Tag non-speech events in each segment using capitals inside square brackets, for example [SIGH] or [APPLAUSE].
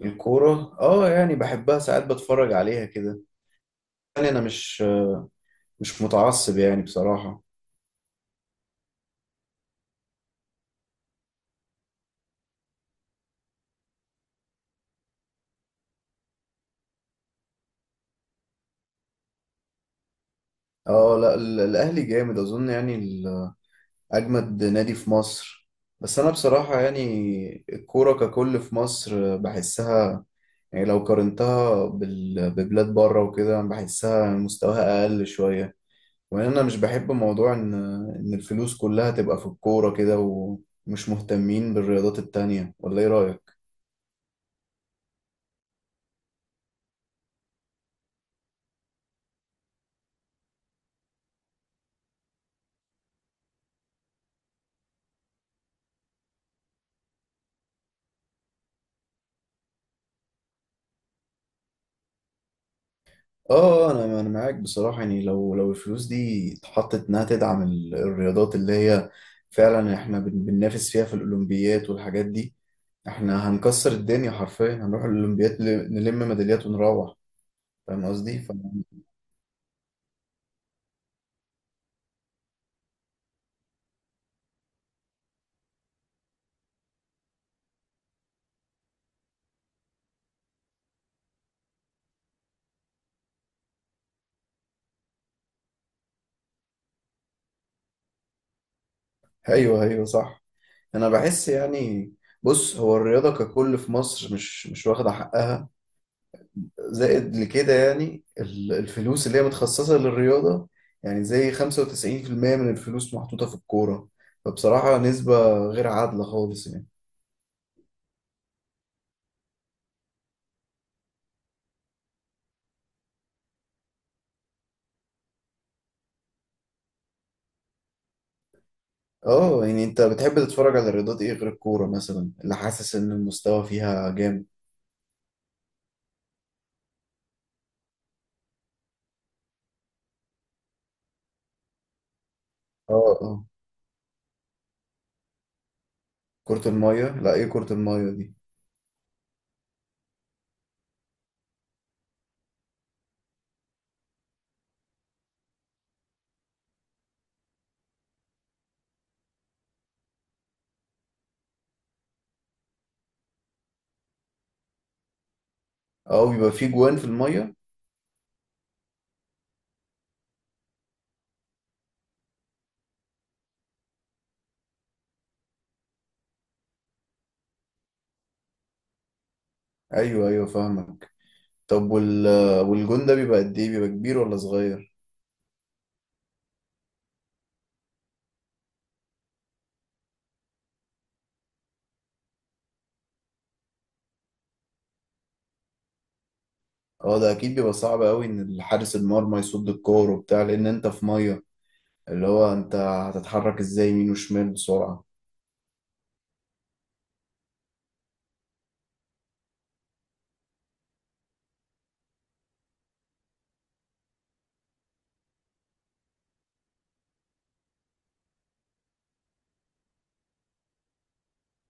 الكورة اه، يعني بحبها ساعات، بتفرج عليها كده. يعني انا مش متعصب يعني بصراحة. اه لا، الاهلي جامد اظن، يعني اجمد نادي في مصر. بس انا بصراحة يعني الكورة ككل في مصر بحسها، يعني لو قارنتها ببلاد بره وكده بحسها مستواها اقل شوية. وان انا مش بحب موضوع ان الفلوس كلها تبقى في الكورة كده، ومش مهتمين بالرياضات التانية. ولا ايه رأيك؟ اه، انا معاك بصراحه. يعني لو الفلوس دي اتحطت انها تدعم الرياضات اللي هي فعلا احنا بننافس فيها في الاولمبيات والحاجات دي، احنا هنكسر الدنيا حرفيا، هنروح الاولمبيات نلم ميداليات ونروح. فاهم قصدي. [LAUGHS] ايوه، ايوه، صح. انا بحس يعني، بص هو الرياضه ككل في مصر مش واخده حقها. زائد لكده يعني الفلوس اللي هي متخصصة للرياضة، يعني زي 95% من الفلوس محطوطة في الكورة. فبصراحة نسبة غير عادلة خالص يعني. اه، يعني انت بتحب تتفرج على الرياضات ايه غير الكورة مثلا، اللي حاسس ان المستوى فيها جامد؟ اه اه. كرة المية؟ لا، ايه كرة المية دي؟ اه، بيبقى في جوان في المية؟ ايوه، ايوه، فاهمك. طب والجون ده بيبقى قد ايه؟ بيبقى كبير ولا صغير؟ اه، ده اكيد بيبقى صعب قوي ان الحارس المرمى يصد الكورة وبتاع، لان انت في مية. اللي هو انت هتتحرك ازاي يمين وشمال بسرعة؟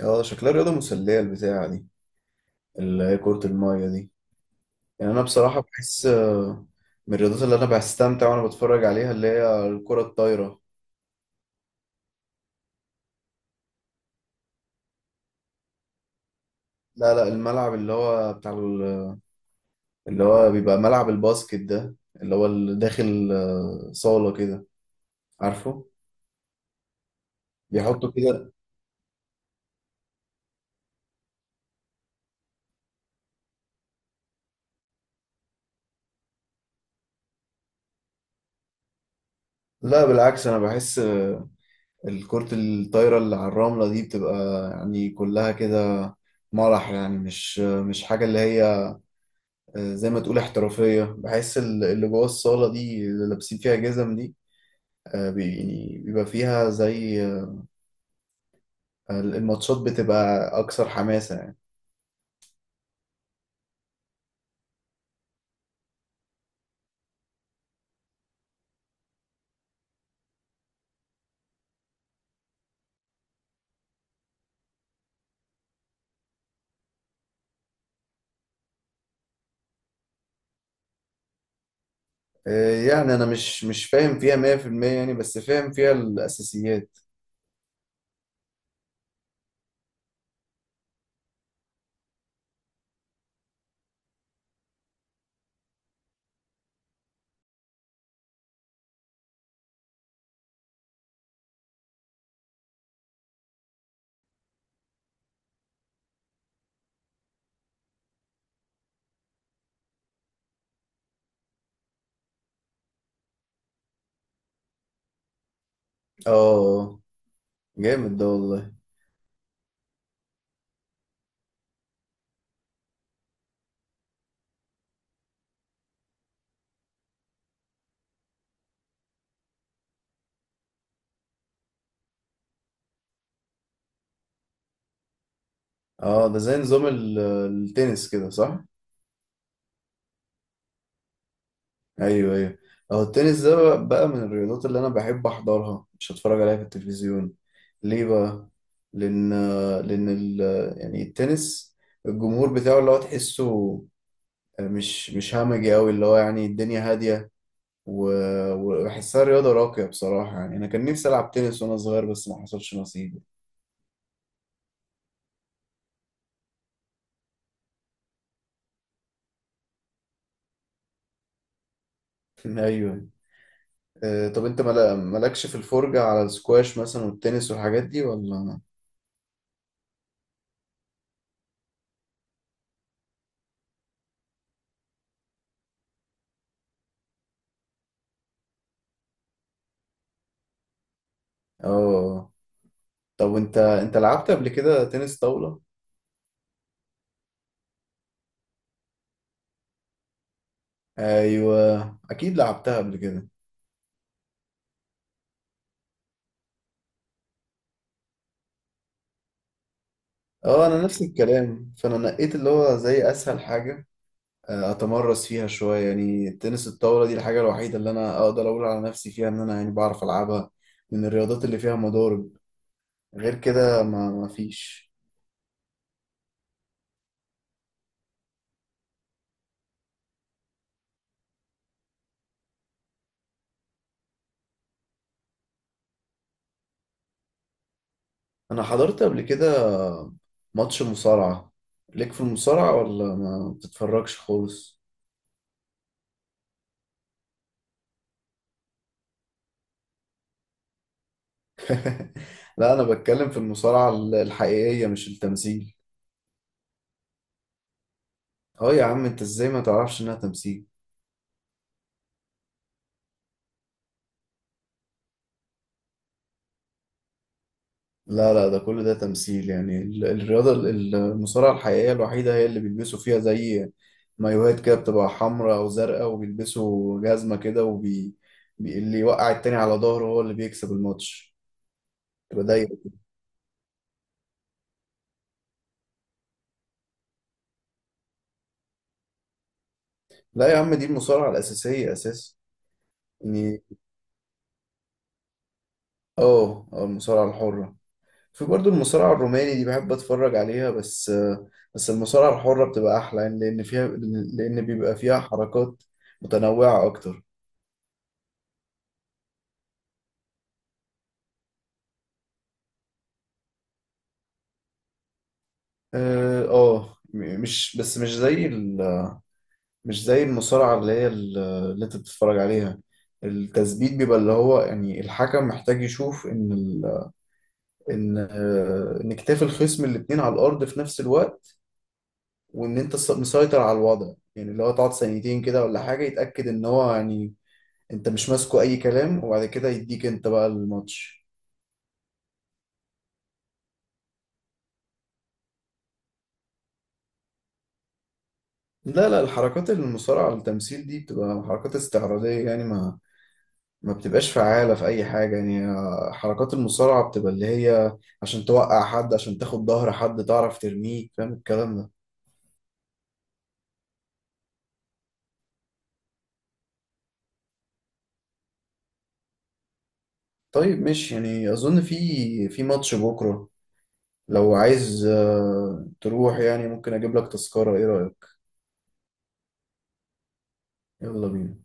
اه، شكلها رياضة مسلية البتاعة دي، اللي هي كرة المية دي. يعني انا بصراحة بحس من الرياضات اللي انا بستمتع وانا بتفرج عليها اللي هي الكرة الطايرة. لا لا، الملعب اللي هو بتاع اللي هو بيبقى ملعب الباسكت ده، اللي هو اللي داخل صالة كده، عارفه، بيحطوا كده. لا بالعكس، انا بحس الكرة الطايرة اللي على الرملة دي بتبقى يعني كلها كده مرح، يعني مش حاجة اللي هي زي ما تقول احترافية. بحس اللي جوه الصالة دي اللي لابسين فيها جزم دي، يعني بيبقى فيها زي، الماتشات بتبقى أكثر حماسة يعني. يعني أنا مش فاهم فيها 100% يعني، بس فاهم فيها الأساسيات. اه، جامد ده والله. اه ده زي نظام التنس كده، صح؟ ايوه، ايوه. اهو التنس ده بقى من الرياضات اللي انا بحب احضرها، مش هتفرج عليها في التلفزيون. ليه بقى؟ لان لان يعني التنس، الجمهور بتاعه اللي هو تحسه مش همجي قوي، اللي هو يعني الدنيا هاديه، و... وبحسها رياضه راقيه بصراحه. يعني انا كان نفسي العب تنس وانا صغير، بس ما حصلش نصيب. [LAUGHS] ايوه. طب انت مالكش في الفرجه على السكواش مثلا والتنس والحاجات دي ولا؟ اه، طب انت لعبت قبل كده تنس طاوله؟ ايوه، اكيد لعبتها قبل كده. اه، انا نفس الكلام، فانا نقيت اللي هو زي اسهل حاجه، اتمرس فيها شويه، يعني تنس الطاوله دي الحاجه الوحيده اللي انا اقدر اقول على نفسي فيها ان انا يعني بعرف العبها من الرياضات اللي فيها مضارب. غير كده ما فيش. انا حضرت قبل كده ماتش مصارعه. ليك في المصارعه ولا ما بتتفرجش خالص؟ [LAUGHS] لا انا بتكلم في المصارعه الحقيقيه، مش التمثيل. اه يا عم، انت ازاي ما تعرفش انها تمثيل؟ لا لا، ده كل ده تمثيل يعني. الرياضة المصارعة الحقيقية الوحيدة هي اللي بيلبسوا فيها زي مايوهات كده، بتبقى حمراء أو زرقاء، وبيلبسوا جزمة كده، وبي بي- اللي يوقع التاني على ظهره هو اللي بيكسب الماتش. تبقى ضيق. لا يا عم، دي المصارعة الأساسية، أساس يعني. اه، المصارعة الحرة. في برضو المصارعة الروماني دي بحب أتفرج عليها، بس المصارعة الحرة بتبقى أحلى يعني، لأن فيها، لأن بيبقى فيها حركات متنوعة أكتر. اه مش بس، مش زي مش زي المصارعة اللي هي اللي انت بتتفرج عليها. التثبيت بيبقى اللي هو يعني الحكم محتاج يشوف ان ال... ان آه، ان كتاف الخصم الاتنين على الارض في نفس الوقت، وان انت مسيطر على الوضع، يعني اللي هو تقعد ثانيتين كده ولا حاجة، يتأكد ان هو يعني انت مش ماسكه اي كلام، وبعد كده يديك انت بقى الماتش. لا لا، الحركات المصارعة التمثيل دي بتبقى حركات استعراضية، يعني ما ما بتبقاش فعالة في أي حاجة يعني. حركات المصارعة بتبقى اللي هي عشان توقع حد، عشان تاخد ظهر حد، تعرف ترميه، فاهم الكلام ده. طيب ماشي، يعني أظن في ماتش بكرة. لو عايز تروح، يعني ممكن أجيب لك تذكرة، إيه رأيك؟ يلا بينا.